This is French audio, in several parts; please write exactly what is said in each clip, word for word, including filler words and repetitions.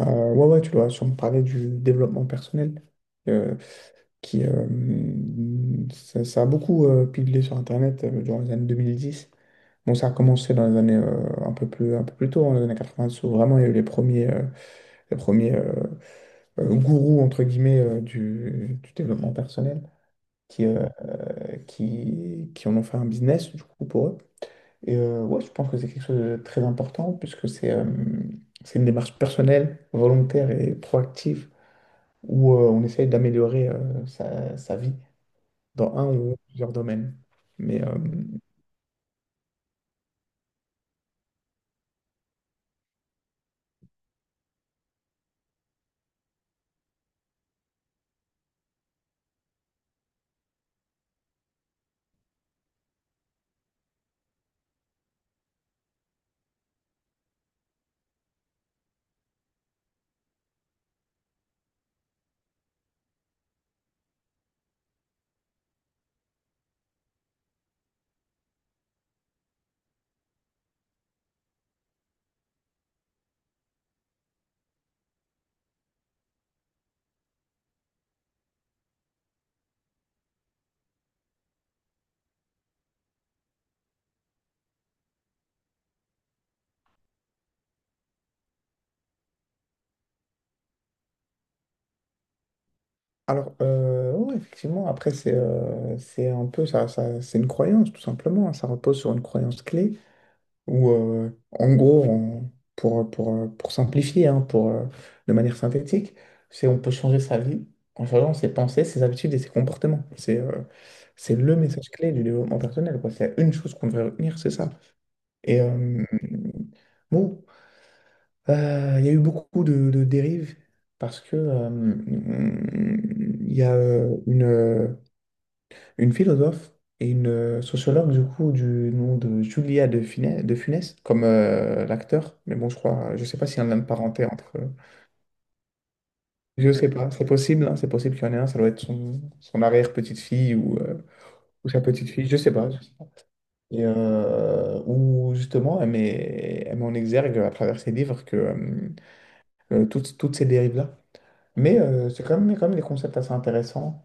Euh, ouais, ouais, tu dois sûrement parler du développement personnel, euh, qui, euh, ça, ça a beaucoup euh, pigé sur Internet euh, durant les années deux mille dix. Bon, ça a commencé dans les années euh, un peu plus, un peu plus tôt, dans les années quatre-vingt-dix, où vraiment il y a eu les premiers, euh, les premiers euh, euh, gourous, entre guillemets, euh, du, du développement personnel, qui, euh, qui, qui en ont fait un business, du coup, pour eux. Et euh, ouais, je pense que c'est quelque chose de très important, puisque c'est euh, c'est une démarche personnelle, volontaire et proactive où euh, on essaye d'améliorer euh, sa, sa vie dans un ou plusieurs domaines. Mais euh, alors, euh, ouais, effectivement, après, c'est euh, c'est un peu ça, ça- c'est une croyance, tout simplement, hein. Ça repose sur une croyance clé où, euh, en gros, on- pour, pour, pour simplifier, hein, pour, euh, de manière synthétique, c'est on peut changer sa vie en changeant ses pensées, ses habitudes et ses comportements. C'est euh, c'est le message clé du développement personnel, quoi. C'est une chose qu'on devrait retenir, c'est ça. Et euh, bon, Euh, il y a eu beaucoup de, de dérives parce que euh, il y a euh, une, euh, une philosophe et une euh, sociologue du coup du nom de Julia de Funès, de Funès comme euh, l'acteur, mais bon je crois, je sais pas s'il y en a une lien parenté entre. Je sais pas, c'est possible, hein, c'est possible qu'il y en ait un, ça doit être son, son arrière-petite-fille ou, euh, ou sa petite-fille, je sais pas. Et euh, où justement elle met, elle met en exergue à travers ses livres que euh, euh, toutes, toutes ces dérives-là. Mais euh, c'est quand même, quand même des concepts assez intéressants,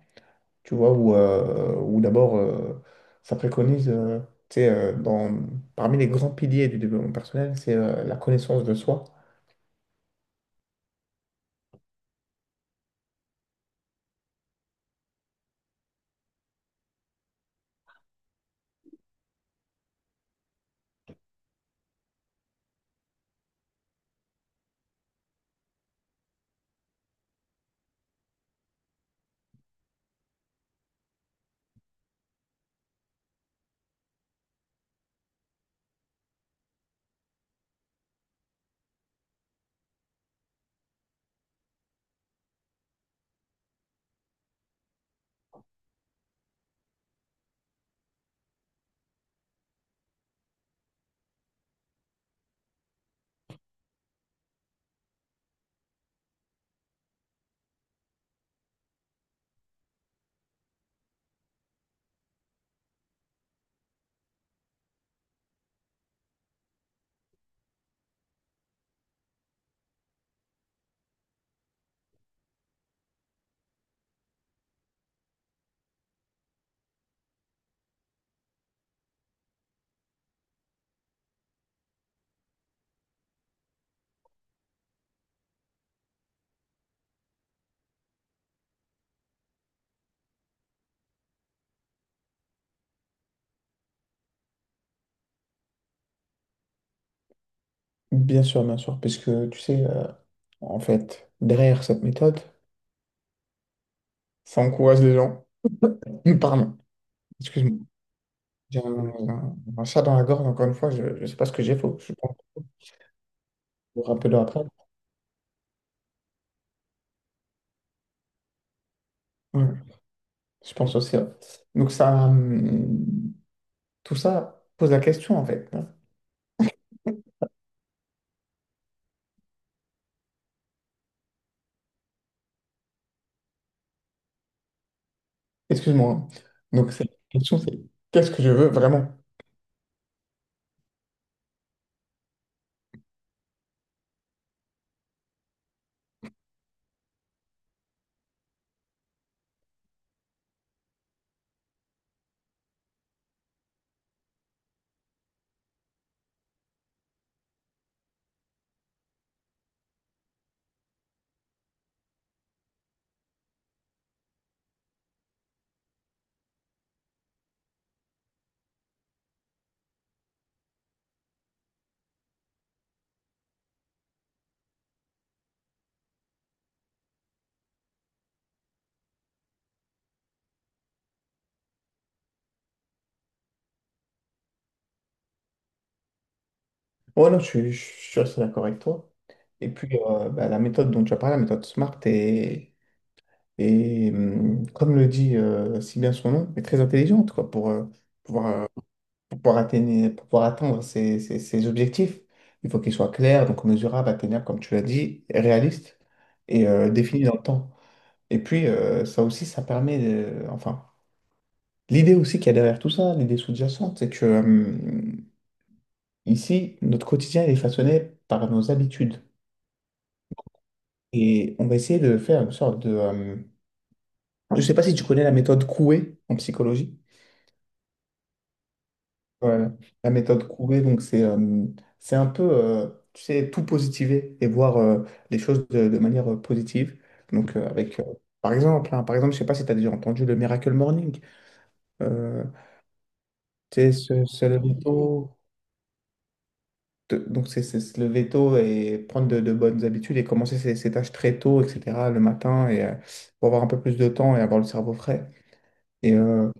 tu vois, où, euh, où d'abord, euh, ça préconise, euh, tu sais, euh, dans, parmi les grands piliers du développement personnel, c'est euh, la connaissance de soi. Bien sûr, bien sûr, parce que, tu sais, euh, en fait, derrière cette méthode, ça encourage les gens. Hum, Pardon, excuse-moi, j'ai un, un- un chat dans la gorge, encore une fois, je ne sais pas ce que j'ai, faut, je pense vous rappeler après. Ouais, je pense aussi, ouais. Donc ça, hum, tout ça pose la question, en fait. Excuse-moi. Donc, cette question, c'est qu'est-ce que je veux vraiment? Ouais, non, je, suis je suis assez d'accord avec toi. Et puis, euh, bah, la méthode dont tu as parlé, la méthode SMART, est, est, hum, comme le dit euh, si bien son nom, est très intelligente quoi, pour, euh, pouvoir, euh, pour pouvoir atteindre, pour pouvoir atteindre ses, ses- ses objectifs. Il faut qu'ils soient clairs, donc mesurables, atteignables, comme tu l'as dit, réalistes et euh, définis dans le temps. Et puis, euh, ça aussi, ça permet de- Enfin, l'idée aussi qu'il y a derrière tout ça, l'idée sous-jacente, c'est que... mmh, Ici, notre quotidien il est façonné par nos habitudes. Et on va essayer de faire une sorte de... euh, Je ne sais pas si tu connais la méthode Coué en psychologie. Voilà. La méthode Coué, donc c'est euh, c'est un peu, euh, tu sais, tout positiver et voir euh, les choses de, de manière euh, positive. Donc euh, avec, euh, par exemple, hein, par exemple, je ne sais pas si tu as déjà entendu le Miracle Morning. Euh, tu sais, se, se lever tôt, de- donc c'est c'est se lever tôt et prendre de, de bonnes habitudes et commencer ses, ses tâches très tôt, et cetera, le matin, et, euh, pour avoir un peu plus de temps et avoir le cerveau frais. Et euh,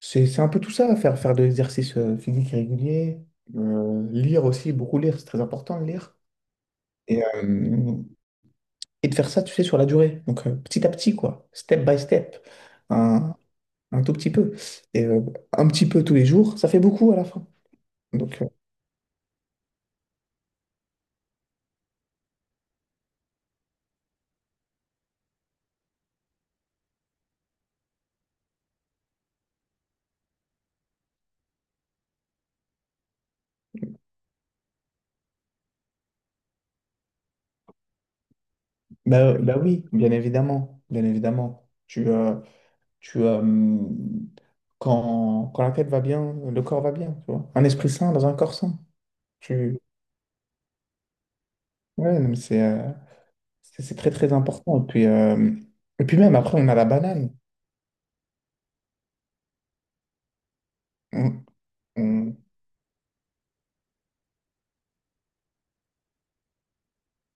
c'est c'est un peu tout ça, faire, faire de l'exercice euh, physique régulier, euh, lire aussi, beaucoup lire, c'est très important de lire. Et, euh, et de faire ça, tu sais, sur la durée. Donc euh, petit à petit, quoi, step by step, un, un tout petit peu. Et euh, un petit peu tous les jours, ça fait beaucoup à la fin. Donc, euh, bah, bah oui, bien évidemment, bien évidemment. Tu, euh, Tu, euh, quand, quand la tête va bien, le corps va bien, tu vois. Un esprit sain dans un corps sain. Tu... Ouais, non, mais c'est euh, c'est c'est très, très important. Et puis, euh, et puis même, après, on a la banane. On- on-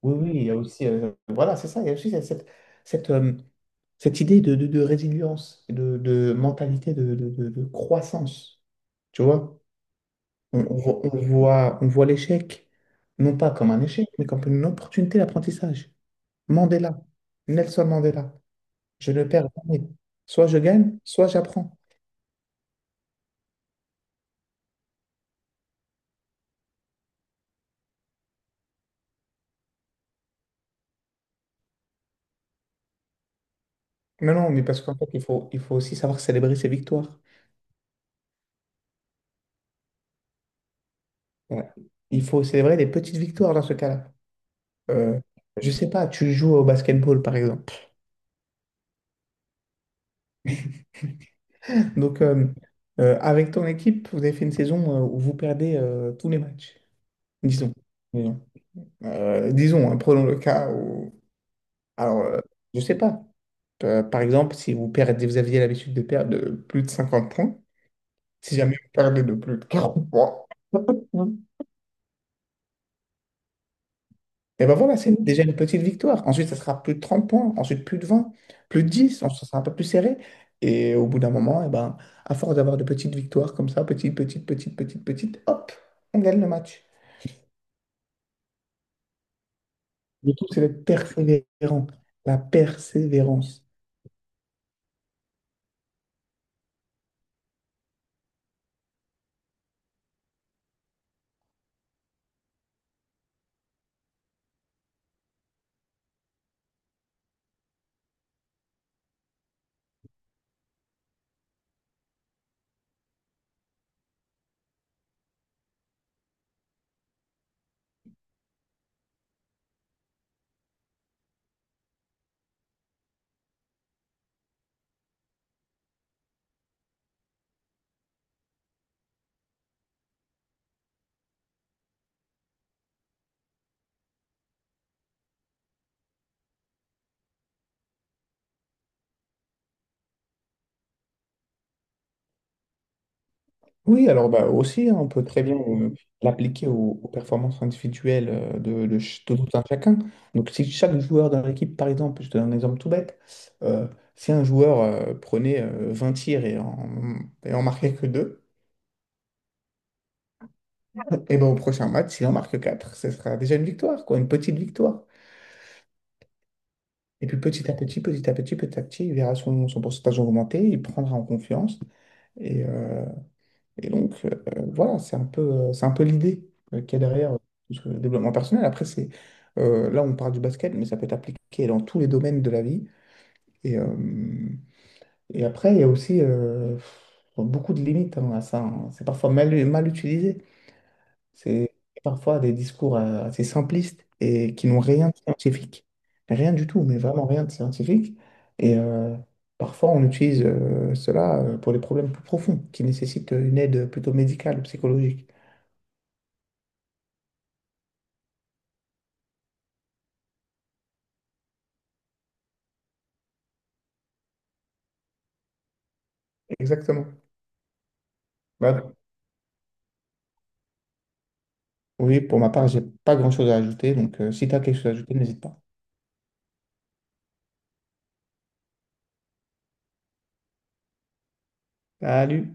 Oui, oui, il y a aussi... euh, voilà, c'est ça. Il y a aussi cette, cette, cette, euh, cette idée de, de, de résilience, et de, de mentalité de, de, de- de croissance, tu vois. On, on voit, on voit, on voit l'échec, non pas comme un échec, mais comme une opportunité d'apprentissage. Mandela, Nelson Mandela. Je ne perds jamais. Soit je gagne, soit j'apprends. Mais non, mais parce qu'en fait, il faut, il faut aussi savoir célébrer ses victoires. Ouais. Il faut célébrer les petites victoires dans ce cas-là. Euh, je sais pas, tu joues au basketball, par exemple. Donc, euh, euh, avec ton équipe, vous avez fait une saison euh, où vous perdez euh, tous les matchs, disons. Disons, Euh, disons, hein, prenons le cas où... Alors, euh, je sais pas. Euh, par exemple, si vous perdez, vous aviez l'habitude de perdre de plus de cinquante points, si jamais vous perdez de plus de quarante points, et ben voilà, c'est déjà une petite victoire. Ensuite, ça sera plus de trente points, ensuite plus de vingt, plus de dix, ensuite ça sera un peu plus serré. Et au bout d'un moment, et ben, à force d'avoir de petites victoires comme ça, petite, petite, petite, petite, petite, hop, on gagne le match. Le tout, c'est d'être persévérant, la persévérance. Oui, alors bah, aussi, hein, on peut très bien euh, l'appliquer aux, aux performances individuelles euh, de, de, ch- de tout un chacun. Donc, si chaque joueur dans l'équipe, par exemple, je te donne un exemple tout bête, euh, si un joueur euh, prenait euh, vingt tirs et en, et en marquait que deux, et ben, au prochain match, s'il en marque quatre, ce sera déjà une victoire, quoi, une petite victoire. Et puis petit à petit, petit à petit, petit à petit, il verra son, son pourcentage augmenter, il prendra en confiance. Et, euh, Et donc, euh, voilà, c'est un peu, euh, c'est un peu l'idée euh, qu'il y a derrière euh, tout ce développement personnel. Après, c'est, euh, là, on parle du basket, mais ça peut être appliqué dans tous les domaines de la vie. Et, euh, et après, il y a aussi euh, beaucoup de limites, hein, à ça, hein. C'est parfois mal, mal utilisé. C'est parfois des discours euh, assez simplistes et qui n'ont rien de scientifique. Rien du tout, mais vraiment rien de scientifique. Et euh, parfois, on utilise euh, cela euh, pour des problèmes plus profonds qui nécessitent une aide plutôt médicale ou psychologique. Exactement. Bah, oui, pour ma part, j'ai pas grand-chose à ajouter, donc euh, si tu as quelque chose à ajouter, n'hésite pas. Salut!